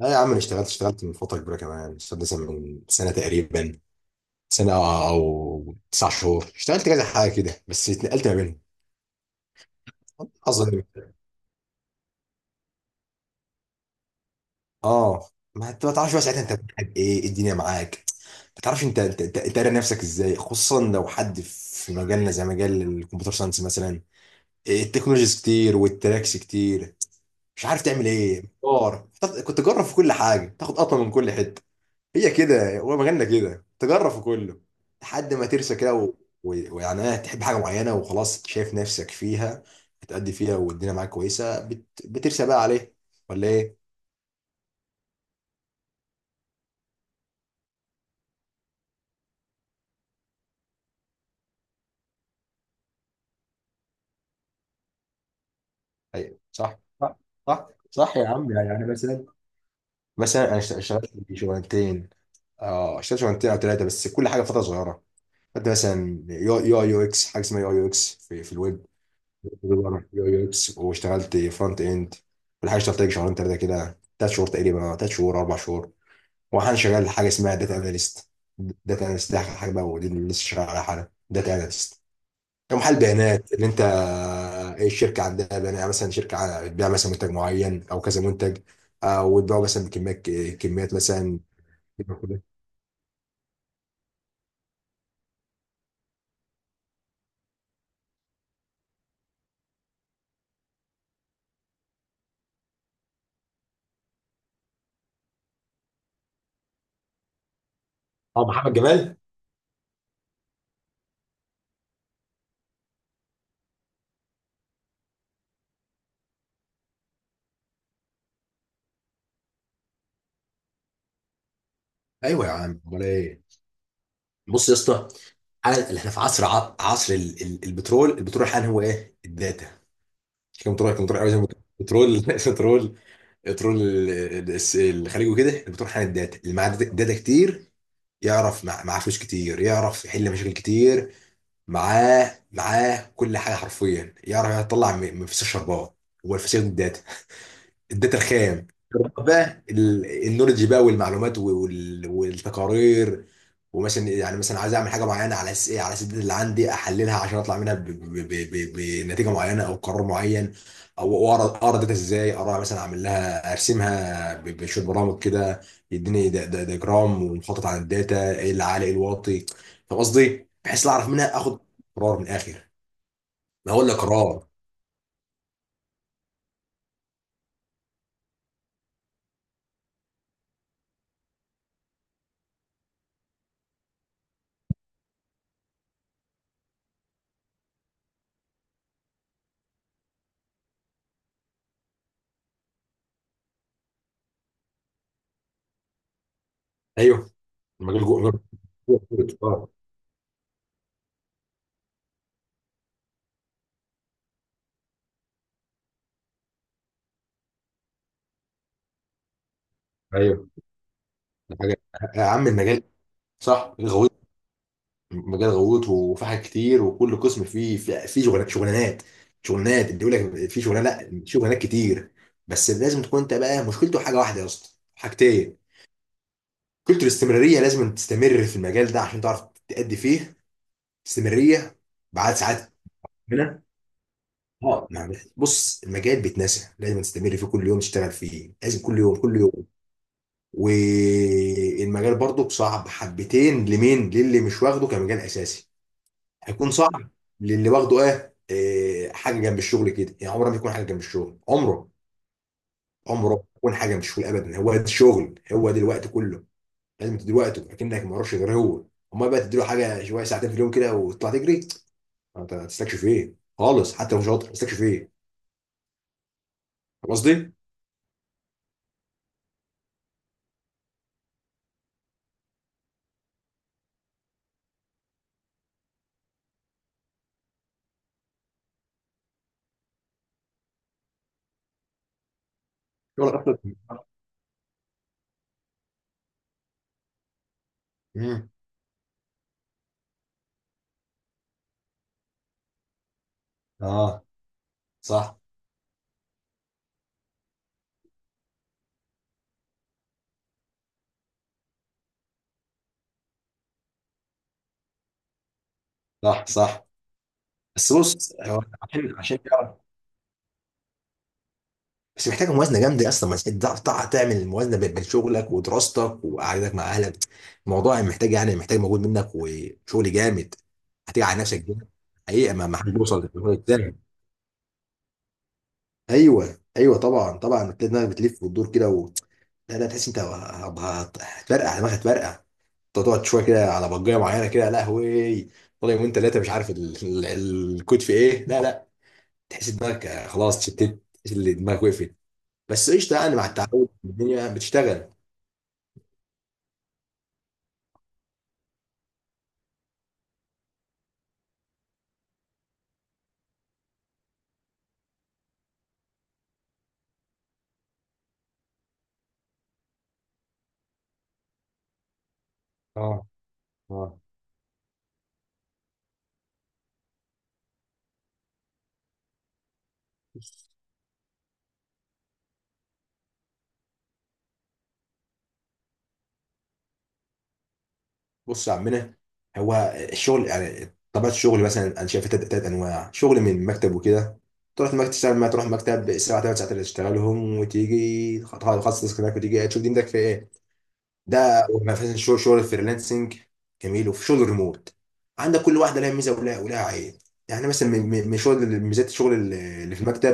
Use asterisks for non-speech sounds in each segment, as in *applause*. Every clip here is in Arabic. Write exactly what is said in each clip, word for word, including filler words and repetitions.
لا يا عم، انا اشتغلت اشتغلت من فتره كبيره. كمان اشتغلت مثلا من سنه تقريبا، سنه او تسع شهور. اشتغلت كذا حاجه كده بس اتنقلت ما بينهم، اظن. اه، ما انت ما تعرفش بقى ساعتها انت بتحب ايه إيه الدنيا معاك. ما تعرفش انت انت انت أنت قاري نفسك ازاي، خصوصا لو حد في مجالنا زي مجال الكمبيوتر ساينس مثلا. إيه، التكنولوجيز كتير والتراكس كتير. مش عارف تعمل ايه، محتار. كنت تجرب في كل حاجه، تاخد قطمه من كل حته. هي كده، هو مجالنا كده، تجرب في كله لحد ما ترسى كده و- و- ويعني ايه، تحب حاجه معينه وخلاص، شايف نفسك فيها، بتأدي فيها والدنيا معاك كويسه، بت... بترسى بقى عليه. ولا ايه؟ ايوه، صح صح. صح صح يا عم. يعني يعني مثلا مثلا انا اشت- اشتغلت في شغلانتين. اه، اشتغلت شغلانتين او ثلاثه، بس كل حاجه فتره صغيره. خدت مثلا يو يو يو اكس، حاجه اسمها يو يو اكس في, في الويب. يو يو اكس واشتغلت فرونت اند. والحاجه اشتغلت لك شهرين ثلاثه كده، ثلاث شهور تقريبا، ثلاث شهور اربع شهور. وانا شغال حاجه اسمها داتا اناليست. داتا اناليست دي حاجه بقى، دي اللي لسه شغال عليها حالا، داتا اناليست كمحلل بيانات. اللي انت، ايه الشركه عندها بيانات. يعني مثلا شركه ع- بتبيع مثلا منتج معين او كذا منتج، او بتبيعوا مثلا بكميات، كميات مثلا. اه محمد جمال. ايوه يا عم، امال ايه. بص يا اسطى، حالا اللي احنا في عصر ع- عصر ال- ال- البترول، البترول حالا هو ايه، الداتا. مش كمبيوتر، كمبيوتر قوي زي ما قلت. بترول *laughs* بترول. ترول ال- ال- الس- الخليج وكده. احنا بتروح حامل الداتا اللي معاه داتا داتا كتير، يعرف مع- معاه فلوس كتير، يعرف يحل مشاكل كتير. معاه معاه كل حاجه حرفيا. يعرف يطلع من من فسيخ شربات. هو الفسيخ الداتا، الداتا الخام، بقى ال- النولج بقى والمعلومات وال- والتقارير. ومثلا يعني مثلا عايز اعمل حاجه معينه على اساس ايه، على اساس الداتا اللي عندي احللها عشان اطلع منها ب- ب- ب- ب- بنتيجه معينه او قرار معين. او اقرا اقرا الداتا ازاي، اقرا مثلا، اعمل لها، ارسمها ب- بشويه برامج كده يديني دا- دا- دياجرام ومخطط عن الداتا، ايه اللي عالي ايه الواطي. فاهم قصدي؟ بحيث لا اعرف منها اخد قرار من الاخر. ما هو الا قرار. ايوه، المجال جوه المجال. جوه- جوه- جوه. ايوه حاجة، يا عم المجال صح غويط. مجال غويط، وفي حاجات كتير، وكل قسم فيه فيه فيه شغلانات شغلانات شغلانات. اللي يقول لك في شغلانه، لا، شغلانات كتير. بس لازم تكون انت بقى. مشكلته حاجه واحده يا اسطى، حاجتين. مشكلته الاستمراريه، لازم تستمر في المجال ده عشان تعرف تأدي فيه. استمراريه بعد ساعات هنا. اه نعم. بص، المجال بيتنسى، لازم تستمر فيه كل يوم، تشتغل فيه لازم كل يوم كل يوم. والمجال برضو صعب حبتين، لمين؟ للي مش واخده كمجال اساسي هيكون صعب. للي واخده ايه، إيه، حاجه جنب الشغل كده يعني، عمره ما يكون حاجه جنب الشغل. عمره، عمره ما يكون حاجه جنب الشغل ابدا. هو ده الشغل، هو ده الوقت كله، لازم تدي وقته اكنك ما وراكش غير هو. امال بقى، تديله حاجه شويه، ساعتين في اليوم كده وتطلع تجري، انت هتستكشف ايه خالص؟ حتى لو مش شاطر هتستكشف ايه؟ فاهم قصدي؟ شغلك اصلا. مم. اه، صح صح صح. بس بص هو، عشان عشان تعرف، بس محتاجه موازنه جامده اصلا. ما انت تعرف تعرف تعمل الموازنه بين بين شغلك ودراستك وقعدتك مع اهلك. الموضوع محتاج يعني، محتاج مجهود منك وشغل جامد. هتيجي على نفسك جامد. حقيقه ما ما حد يوصل للمجهود ده. ايوه ايوه طبعا طبعا. بتلاقي دماغك بتلف وتدور كده و... لا لا، تحس انت هت- هت- هتفرقع دماغك، هتفرقع. انت تقعد شويه كده على بجايه معينه كده، لا هوي، طالع يومين ثلاثه مش عارف ال- ال- الكود في ايه. لا لا، تحس دماغك خلاص شتت، تحس ان دماغك وقفت. بس قشطه يعني، مع التعود الدنيا بتشتغل. اه اه. بص بص يا عمنا، هو الشغل يعني طبيعه الشغل، مثلا انا شايف تلات تلات انواع شغل من المكتب وكده. تروح المكتب تشتغل، ما تروح المكتب، ساعه ثلاث ساعات اللي تشتغلهم، وتيجي تخلص تاسك هناك وتيجي تشوف دنيتك في ايه. ده مثلا شغل شغل الفريلانسنج، جميل. وفي شغل الريموت. عندك كل واحده لها ميزه ولها ولها عيب. يعني مثلا من من من شغل ميزات الشغل اللي في المكتب،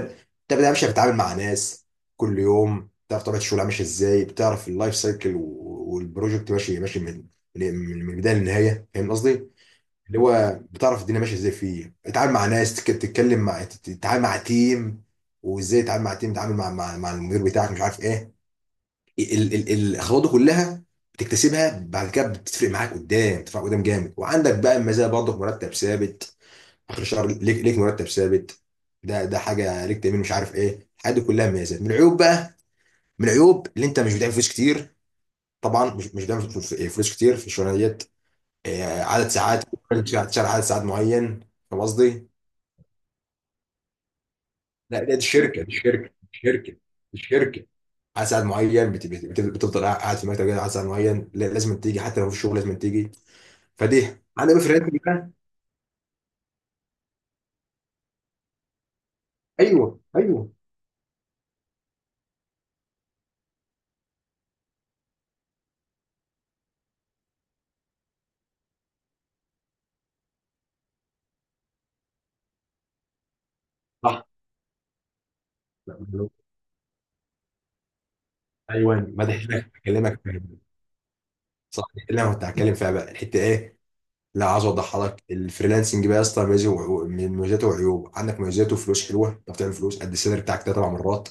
انت بقى مش بتتعامل مع ناس كل يوم، بتعرف طبيعه الشغل ماشيه ازاي، بتعرف اللايف سايكل و- والبروجكت ماشي ماشي من من من البدايه للنهايه. فاهم قصدي؟ اللي هو بتعرف الدنيا ماشيه ازاي. فيه بتتعامل مع ناس، تك- تتكلم مع، تت- تتعامل مع تيم، وازاي تتعامل مع تيم، تتعامل مع مع مع المدير بتاعك، مش عارف ايه. ال- ال- الخطوات دي كلها بتكتسبها بعد كده، بتفرق معاك قدام، بتفرق قدام جامد. وعندك بقى المزايا، برضك مرتب ثابت. اخر الشهر ليك ليك مرتب ثابت. ده ده حاجه. ليك تامين، مش عارف ايه، الحاجات دي كلها مميزات. من العيوب بقى، من العيوب اللي انت مش بتعمل فلوس كتير. طبعا مش مش بتعمل فلوس، آه، فلوس كتير في الشغلانه ديت. آه، عدد ساعات، لازم تشتغل تشتغل عدد ساعات معين. فاهم قصدي؟ لا دي الشركه دي الشركه دي الشركه دي الشركه. عدد ساعات معين، بت- بت- بت- بتفضل قاعد في مكتب كده عدد ساعات معين. لا، لازم تيجي، حتى لو في شغل لازم تيجي. فدي، انا فرنسي بقى. ايوه ايوه، صح. ايوه مدح لك اكلمك، فاهم. صح، دي اللي انا كنت هتكلم فيها بقى، الحته ايه، لا، عايز اوضحها لك. الفريلانسنج بقى يا اسطى ميزه وعيوب- من مميزاته وعيوب. عندك مميزاته، فلوس حلوه، انت بتعمل فلوس قد السالري بتاعك ده اربع مرات،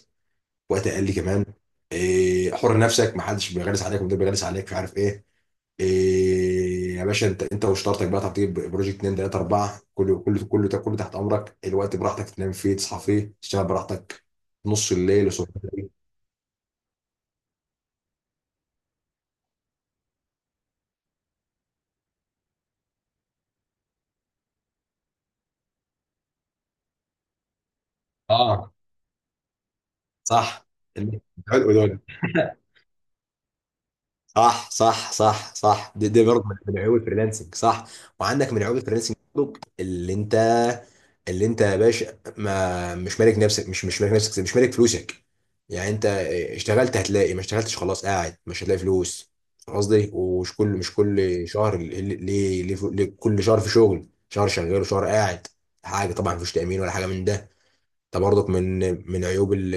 وقت اقل كمان. إيه، حر نفسك، ما حدش بيغلس عليك، ومدير بيغلس عليك مش عارف ايه. إيه يا باشا، انت انت وشطارتك بقى، تطيب بروجكت اتنين ثلاثه اربع، كله كله كله ده كله تحت امرك. الوقت براحتك، تنام فيه، تصحى فيه، تشتغل براحتك نص الليل وصبح الليل. اه صح. الحلو ده. صح صح صح صح. دي, دي برضه من عيوب الفريلانسنج. صح. وعندك من عيوب الفريلانسنج برضه، اللي انت اللي انت يا باشا، ما مش مالك نفسك، مش مش مالك نفسك، مش مالك فلوسك. يعني انت اشتغلت هتلاقي، ما اشتغلتش خلاص قاعد مش هتلاقي فلوس. فاهم قصدي؟ ومش كل، مش كل شهر ال- ال- ليه، ليه ليه كل شهر في شغل، شهر شغال وشهر قاعد. حاجه طبعا، مفيش تامين ولا حاجه من ده. ده برضك من من عيوب ال-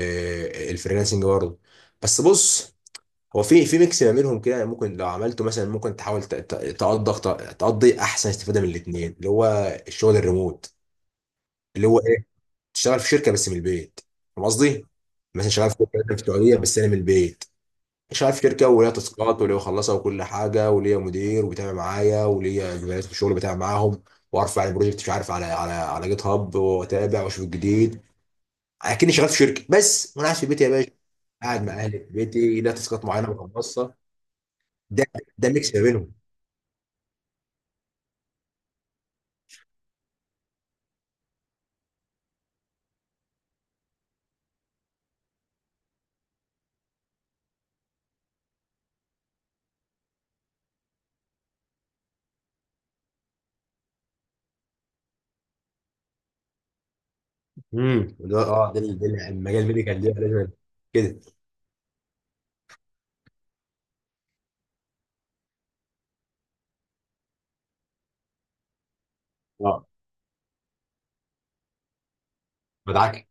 الفريلانسنج برضه. بس بص، هو في في ميكس ما بينهم كده، يعني ممكن لو عملته مثلا، ممكن تحاول ت- ت- تقضي ت- تقضي احسن استفاده من الاثنين، اللي هو الشغل الريموت، اللي هو ايه، تشتغل في شركه بس من البيت. فاهم قصدي؟ مثلا شغال في شركه مثلاً في السعوديه بس انا من البيت. شغال في شركه وليا تاسكات وليا اخلصها وكل حاجه، وليا مدير وبيتابع معايا، وليا زملائي في الشغل بتابع معاهم. وارفع البروجكت مش عارف على على على جيت هاب، واتابع واشوف الجديد. اكني شغال في شركه بس وانا قاعد في بيتي يا باشا، قاعد مع اهلي في بيتي ليا تاسكات معينه بخلصها. ده ده ميكس ما بينهم. امم اللي هو، اه ده ال- ده ال- المجال الميديكال ده لازم كده. اه، مدعكه.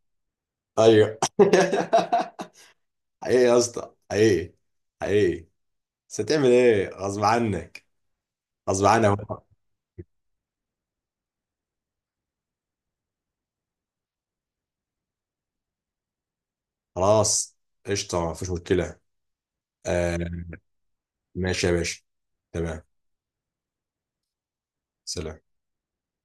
ايوه *laughs* حقيقي يا اسطى، حقيقي حقيقي. بس هتعمل ايه، غصب عنك. غصب عنك بقى. خلاص، قشطه، ما فيش مشكله. آه، ماشي يا باشا. تمام. سلام.